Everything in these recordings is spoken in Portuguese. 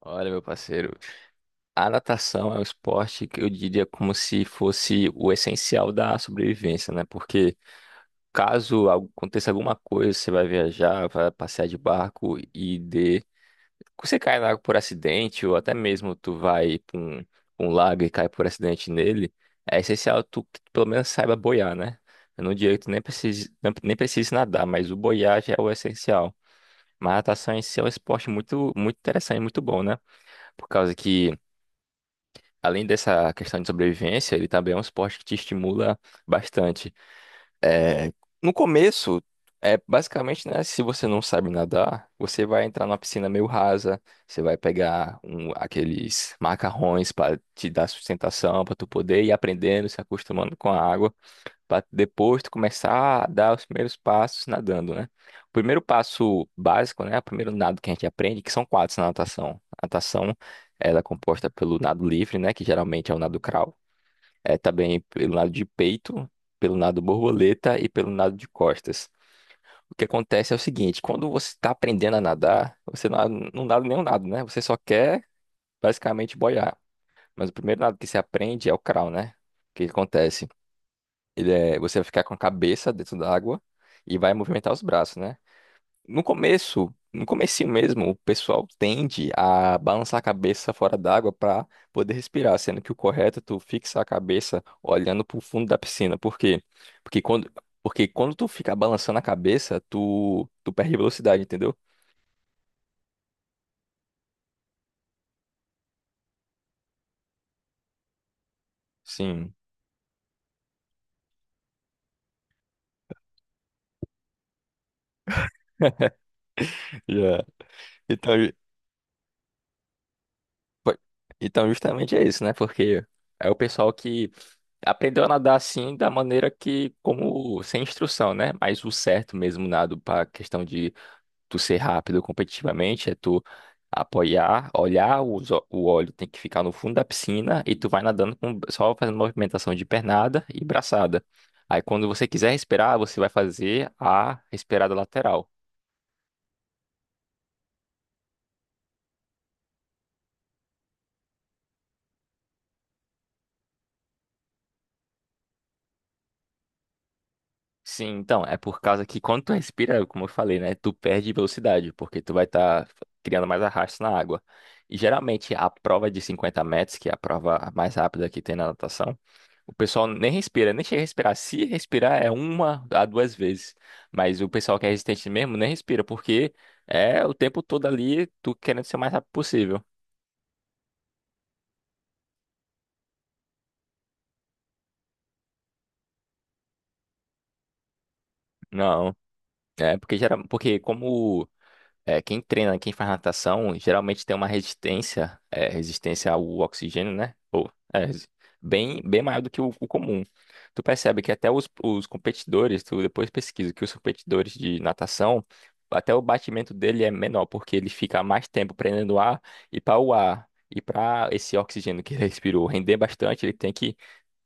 Olha, meu parceiro, a natação é um esporte que eu diria como se fosse o essencial da sobrevivência, né? Porque caso aconteça alguma coisa, você vai viajar, vai passear de barco e de... você cai na água por acidente, ou até mesmo tu vai pra um lago e cai por acidente nele, é essencial tu que tu pelo menos saiba boiar, né? Eu não diria que tu nem precise, nem precise nadar, mas o boiar já é o essencial. Mas a natação em si é um esporte muito, muito interessante, muito bom, né? Por causa que Além dessa questão de sobrevivência, ele também é um esporte que te estimula bastante. É, no começo, é basicamente, né, se você não sabe nadar, você vai entrar numa piscina meio rasa, você vai aqueles macarrões para te dar sustentação, para tu poder ir aprendendo, se acostumando com a água. Pra depois tu começar a dar os primeiros passos nadando, né? O primeiro passo básico, né? O primeiro nado que a gente aprende, que são quatro na natação. A natação, ela é composta pelo nado livre, né? Que geralmente é o nado crawl. É também pelo nado de peito, pelo nado borboleta e pelo nado de costas. O que acontece é o seguinte, quando você está aprendendo a nadar, você não, não nada nenhum nado, né? Você só quer basicamente boiar. Mas o primeiro nado que se aprende é o crawl, né? O que acontece? Você vai ficar com a cabeça dentro da água e vai movimentar os braços, né? No começo, no comecinho mesmo, o pessoal tende a balançar a cabeça fora d'água para poder respirar, sendo que o correto é tu fixar a cabeça olhando para o fundo da piscina. Por quê? Porque quando, porque quando tu ficar balançando a cabeça, tu perde velocidade, entendeu? Sim. Yeah. Então, Pô, então, justamente é isso, né? Porque é o pessoal que aprendeu a nadar assim da maneira que, como sem instrução, né? Mas o certo mesmo nado para questão de tu ser rápido competitivamente é tu apoiar, olhar, o óleo tem que ficar no fundo da piscina e tu vai nadando com, só fazendo movimentação de pernada e braçada. Aí quando você quiser respirar, você vai fazer a respirada lateral. Sim, então, é por causa que quando tu respira, é como eu falei, né, tu perde velocidade, porque tu vai estar criando mais arrasto na água. E geralmente a prova de 50 metros, que é a prova mais rápida que tem na natação, o pessoal nem respira, nem chega a respirar. Se respirar é uma a duas vezes, mas o pessoal que é resistente mesmo nem respira, porque é o tempo todo ali tu querendo ser o mais rápido possível. Não, é porque geral, porque como É, quem treina, quem faz natação, geralmente tem uma resistência, é, resistência ao oxigênio, né? Ou, é, bem, bem maior do que o comum. Tu percebe que até os competidores, tu depois pesquisa que os competidores de natação, até o batimento dele é menor, porque ele fica mais tempo prendendo o ar e para o ar. E para esse oxigênio que ele respirou render bastante, ele tem que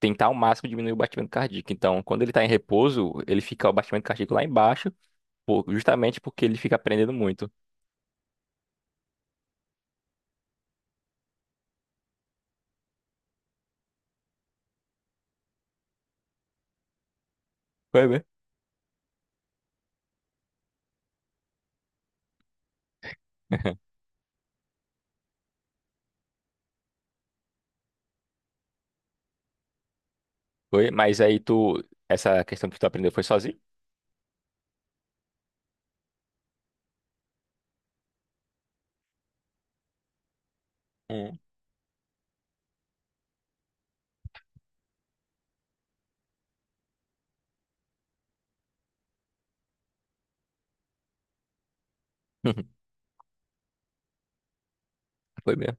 tentar ao máximo diminuir o batimento cardíaco. Então, quando ele está em repouso, ele fica o batimento cardíaco lá embaixo, justamente porque ele fica prendendo muito. Foi, mas aí tu, essa questão que tu aprendeu foi sozinho? Hum. Foi mesmo.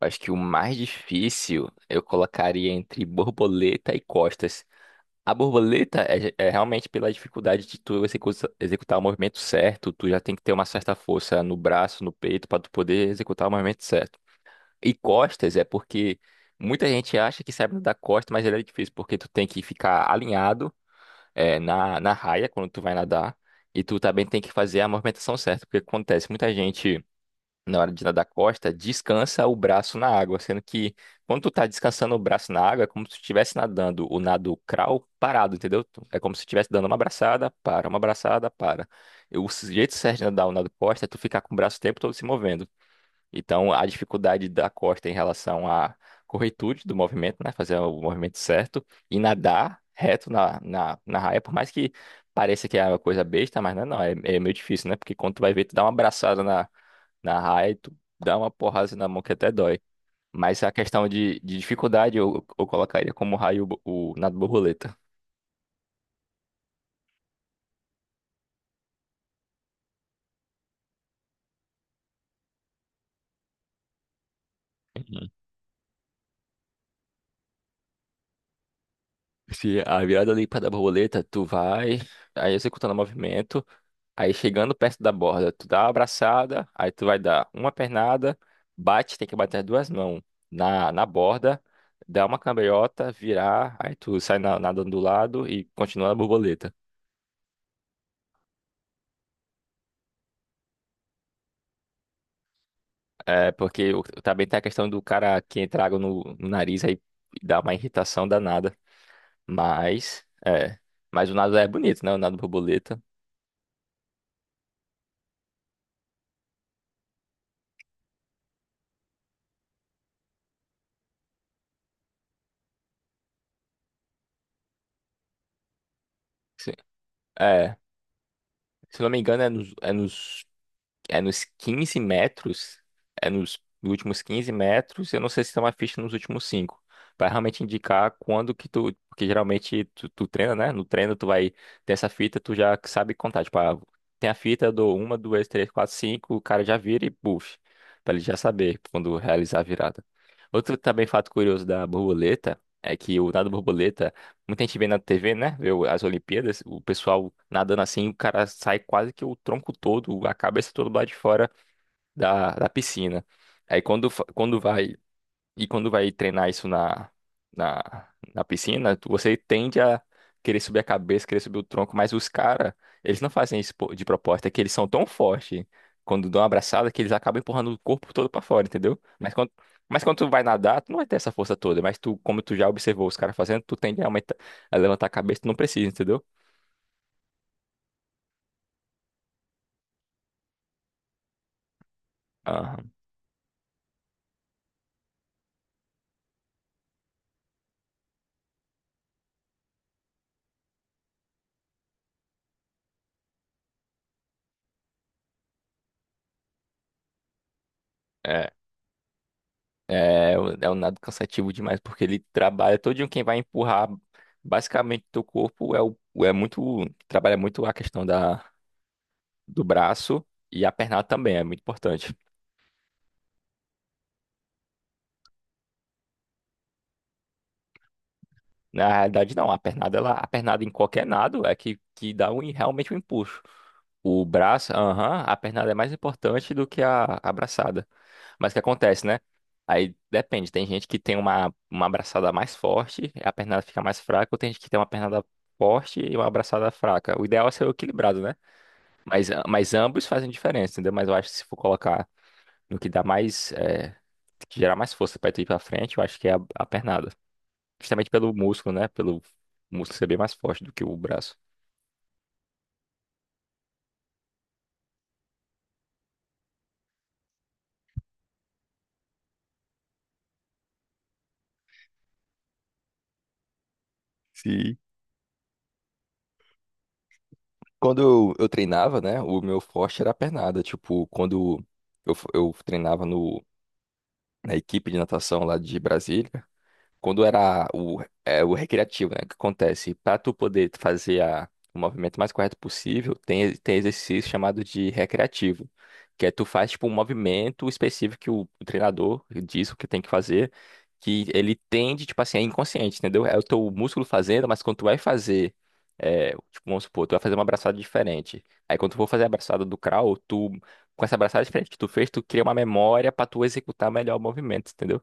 Acho que o mais difícil eu colocaria entre borboleta e costas. A borboleta é realmente pela dificuldade de tu executar o movimento certo, tu já tem que ter uma certa força no braço, no peito, para tu poder executar o movimento certo. E costas é porque muita gente acha que sabe nadar costa, mas ele é difícil, porque tu tem que ficar alinhado é, na raia, quando tu vai nadar, e tu também tem que fazer a movimentação certa, porque acontece, muita gente, na hora de nadar costa, descansa o braço na água, sendo que quando tu tá descansando o braço na água, é como se tu estivesse nadando o nado crawl parado, entendeu? É como se estivesse dando uma abraçada, para, uma abraçada, para. E o jeito certo de nadar o nado costa é tu ficar com o braço o tempo todo se movendo. Então, a dificuldade da Costa em relação à corretude do movimento, né? Fazer o movimento certo e nadar reto na raia, por mais que pareça que é uma coisa besta, mas não, é, é meio difícil, né? Porque quando tu vai ver, tu dá uma abraçada na raia e tu dá uma porrada na mão que até dói. Mas a questão de dificuldade, eu colocaria como raio o nado borboleta. Uhum. Se a virada ali para da borboleta, tu vai aí executando o movimento. Aí chegando perto da borda, tu dá uma abraçada, aí tu vai dar uma pernada, bate, tem que bater as duas mãos na borda, dá uma cambalhota, virar, aí tu nadando do lado e continua na borboleta. É, porque também tem a questão do cara que entra água no nariz aí dá uma irritação danada. Mas, é. Mas o nado é bonito, né? O nado borboleta. Se- É. Se não me engano, é nos É nos 15 metros. É nos últimos 15 metros. Eu não sei se tem uma ficha nos últimos 5. Vai realmente indicar quando que tu. Porque geralmente tu treina, né? No treino tu vai ter essa fita, tu já sabe contar. Tipo, ah, tem a fita do uma, 2, 3, 4, 5. O cara já vira e puxa. Pra ele já saber quando realizar a virada. Outro também fato curioso da borboleta é que o nado borboleta Muita gente vê na TV, né? Vê as Olimpíadas, o pessoal nadando assim, o cara sai quase que o tronco todo, a cabeça toda lá de fora da piscina. Aí quando vai e quando vai treinar isso na piscina, você tende a querer subir a cabeça, querer subir o tronco, mas os caras, eles não fazem isso de proposta, é que eles são tão fortes quando dão uma abraçada que eles acabam empurrando o corpo todo pra fora, entendeu? Mas quando tu vai nadar, tu não vai ter essa força toda, mas tu, como tu já observou os caras fazendo, tu tende a aumentar, a levantar a cabeça, tu não precisa, entendeu? Aham. É, é um nado cansativo demais, porque ele trabalha todo dia quem vai empurrar basicamente teu corpo é é muito trabalha muito a questão da do braço e a pernada também é muito importante. Na realidade não, a pernada em qualquer nado é que dá um, realmente um empuxo. O braço, aham, a pernada é mais importante do que a braçada. Mas o que acontece, né? Aí depende, tem gente que tem uma abraçada mais forte, a pernada fica mais fraca, ou tem gente que tem uma pernada forte e uma abraçada fraca. O ideal é ser equilibrado, né? Mas ambos fazem diferença, entendeu? Mas eu acho que se for colocar no que dá mais, é, que gerar mais força pra tu ir pra frente, eu acho que é a pernada. Justamente pelo músculo, né? Pelo músculo ser bem mais forte do que o braço. Sim. Quando eu treinava, né? O meu forte era a pernada. Tipo, quando eu treinava na equipe de natação lá de Brasília. Quando era o recreativo, né? O que acontece? Para tu poder fazer o movimento mais correto possível, tem exercício chamado de recreativo, que é tu faz tipo um movimento específico que o treinador diz o que tem que fazer, que ele tende, tipo assim, é inconsciente, entendeu? É o teu músculo fazendo, mas quando tu vai fazer, é, tipo, vamos supor, tu vai fazer uma abraçada diferente. Aí quando tu for fazer a abraçada do crawl, tu, com essa abraçada diferente que tu fez, tu cria uma memória para tu executar melhor o movimento, entendeu?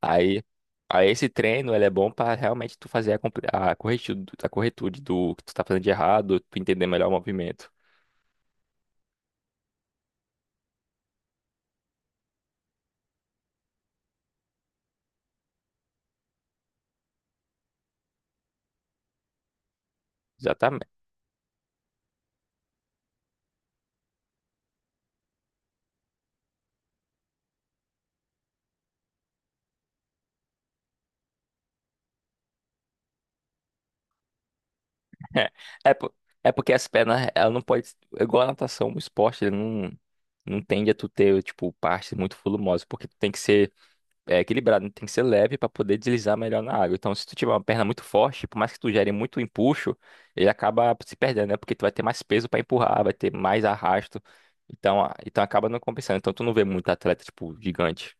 Aí, aí esse treino, ele é bom pra realmente tu fazer a corretude do que tu tá fazendo de errado, tu entender melhor o movimento. Exatamente. É, po- é porque as pernas, ela não pode, igual a natação, o esporte, ele não, não tende a tu ter, tipo, partes muito volumosas, porque tu tem que ser é equilibrado, né? Tem que ser leve para poder deslizar melhor na água. Então, se tu tiver uma perna muito forte, por mais que tu gere muito empuxo, ele acaba se perdendo, né? Porque tu vai ter mais peso para empurrar, vai ter mais arrasto. Então, então acaba não compensando. Então, tu não vê muito atleta, tipo, gigante.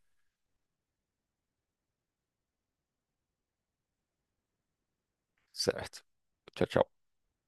Certo. Tchau, tchau.